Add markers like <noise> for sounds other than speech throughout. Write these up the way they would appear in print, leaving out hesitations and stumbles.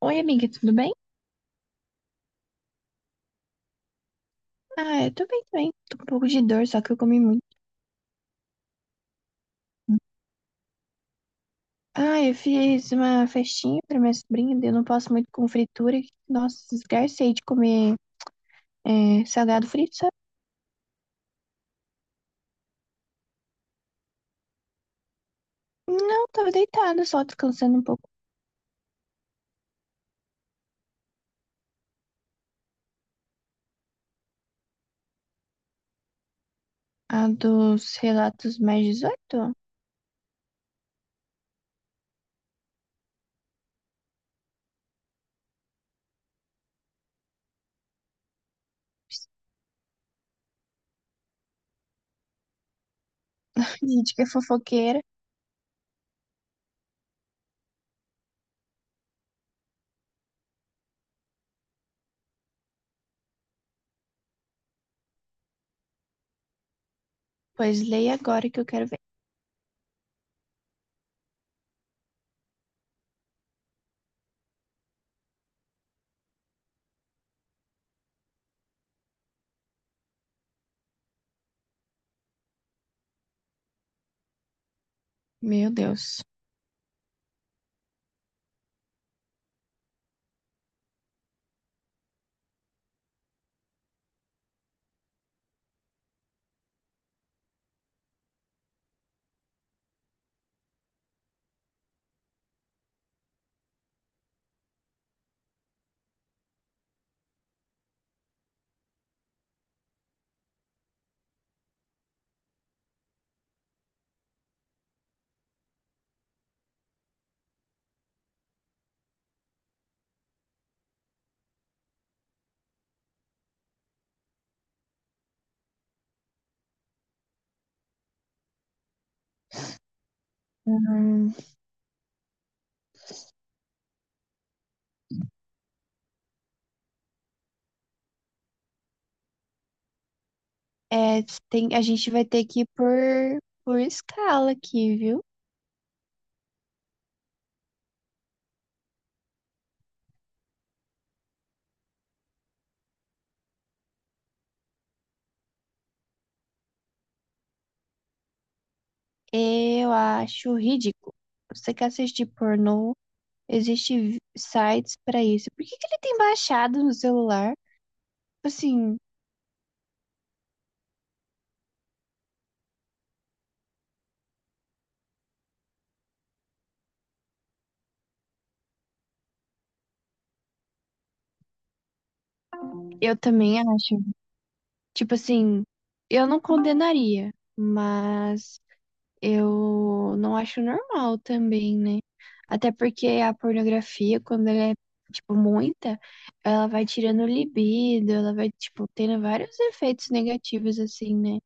Oi, amiga, tudo bem? Ah, eu tô bem também. Tô com um pouco de dor, só que eu comi muito. Ah, eu fiz uma festinha pra minha sobrinha, daí eu não posso muito com fritura. Nossa, esgarcei de comer é, salgado frito, sabe? Não, tava deitada, só descansando um pouco. Ah, dos relatos mais 18? <laughs> Gente, que é fofoqueira. Pois leia agora que eu quero ver. Meu Deus. Hum, é, tem, a gente vai ter que ir por escala aqui, viu? Eu acho ridículo. Você quer assistir pornô? Existem sites pra isso. Por que que ele tem baixado no celular? Tipo assim, eu também acho. Tipo assim, eu não condenaria, mas eu não acho normal também, né? Até porque a pornografia, quando ela é, tipo, muita, ela vai tirando o libido, ela vai, tipo, tendo vários efeitos negativos, assim, né?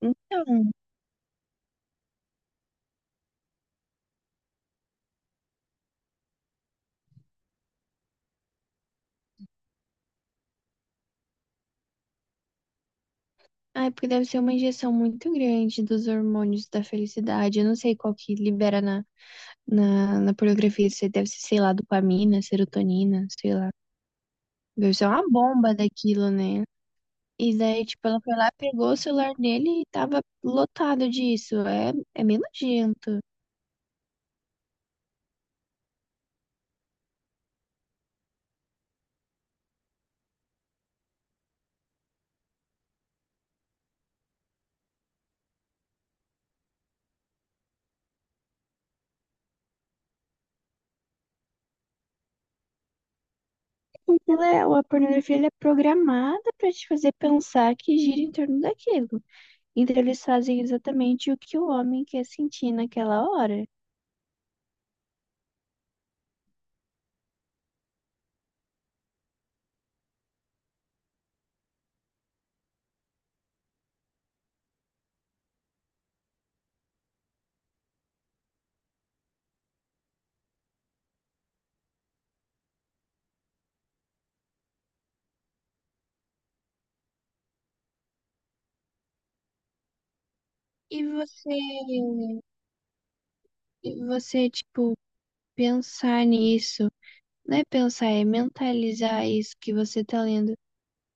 Então. Ah, é porque deve ser uma injeção muito grande dos hormônios da felicidade. Eu não sei qual que libera na, na pornografia. Se deve ser, sei lá, dopamina, serotonina, sei lá. Deve ser uma bomba daquilo, né? E daí, tipo, ela foi lá, pegou o celular dele e tava lotado disso. É meio nojento. Porque ela, a pornografia ela é programada pra te fazer pensar que gira em torno daquilo. Então eles fazem exatamente o que o homem quer sentir naquela hora. E você. E você, tipo, pensar nisso, não é pensar, é mentalizar isso que você tá lendo.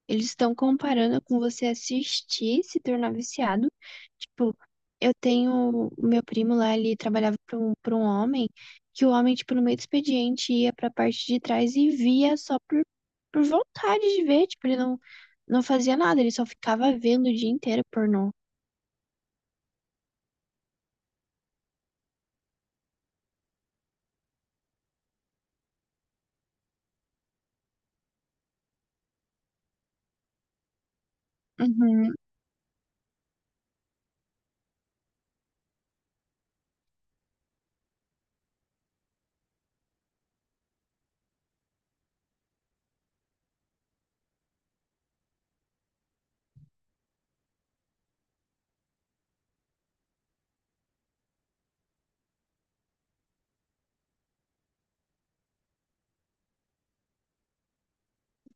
Eles estão comparando com você assistir, se tornar viciado. Tipo, eu tenho o meu primo lá, ele trabalhava para um homem, que o homem, tipo, no meio do expediente ia pra parte de trás e via só por vontade de ver. Tipo, ele não fazia nada, ele só ficava vendo o dia inteiro pornô. Uhum,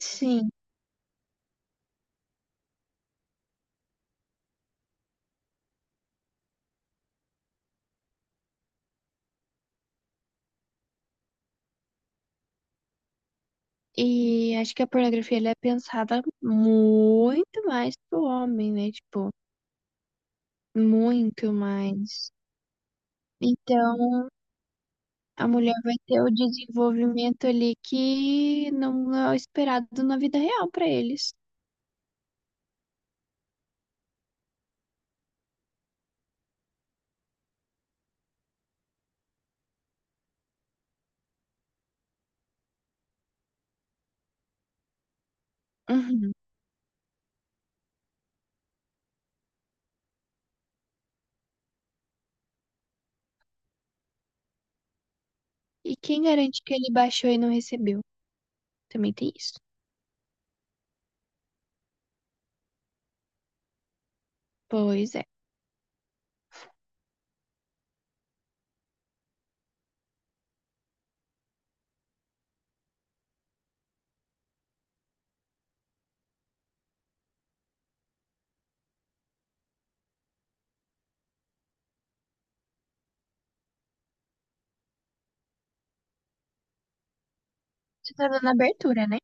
sim. E acho que a pornografia ela é pensada muito mais pro homem, né? Tipo, muito mais. Então, a mulher vai ter o desenvolvimento ali que não é o esperado na vida real pra eles. Uhum. E quem garante que ele baixou e não recebeu? Também tem isso. Pois é. Você tá dando abertura, né?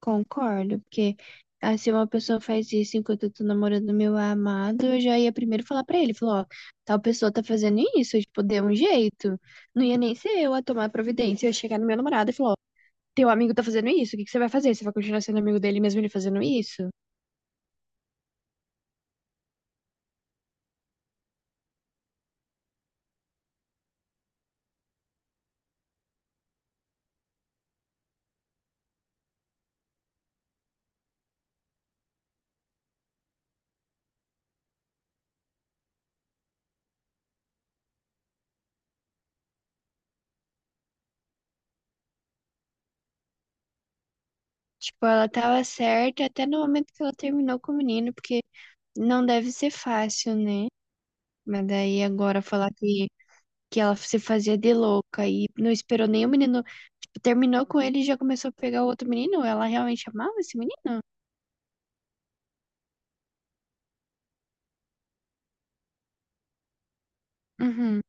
Concordo, porque ah, se uma pessoa faz isso enquanto eu tô namorando meu amado, eu já ia primeiro falar pra ele, falou, ó, tal pessoa tá fazendo isso, tipo, dê um jeito. Não ia nem ser eu a tomar providência, eu ia chegar no meu namorado e falar, ó, teu amigo tá fazendo isso, o que que você vai fazer? Você vai continuar sendo amigo dele mesmo ele fazendo isso? Tipo, ela tava certa até no momento que ela terminou com o menino, porque não deve ser fácil, né? Mas daí agora falar que ela se fazia de louca e não esperou nem o menino, tipo, terminou com ele e já começou a pegar o outro menino. Ela realmente amava esse menino? Uhum.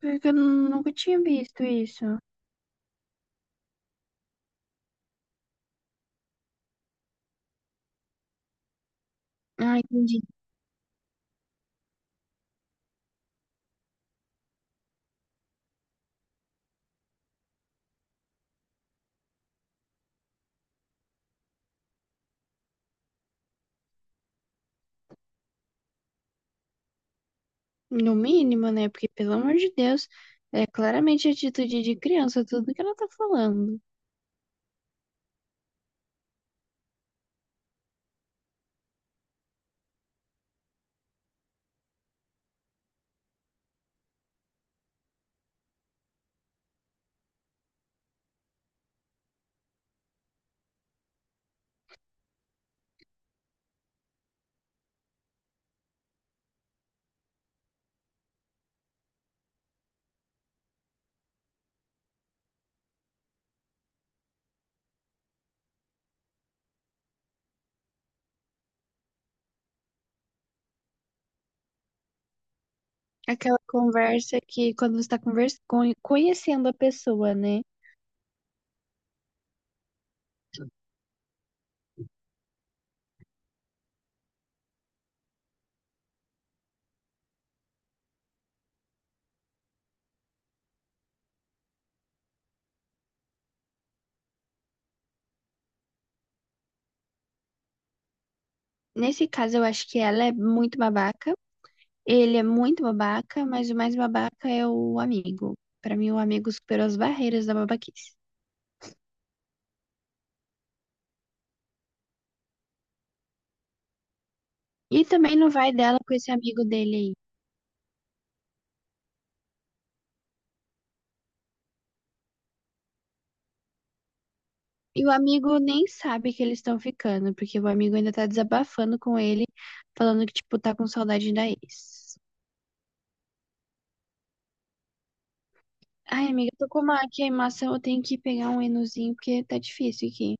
Porque eu nunca tinha visto isso. Ah, entendi. No mínimo, né? Porque, pelo amor de Deus, é claramente atitude de criança, tudo que ela tá falando. Aquela conversa que quando você tá conhecendo a pessoa, né? Nesse caso, eu acho que ela é muito babaca. Ele é muito babaca, mas o mais babaca é o amigo. Pra mim, o amigo superou as barreiras da babaquice. E também não vai dela com esse amigo dele aí. E o amigo nem sabe que eles estão ficando, porque o amigo ainda tá desabafando com ele, falando que, tipo, tá com saudade da ex. Ai, amiga, tô com uma queimação, eu tenho que pegar um enozinho, porque tá difícil aqui.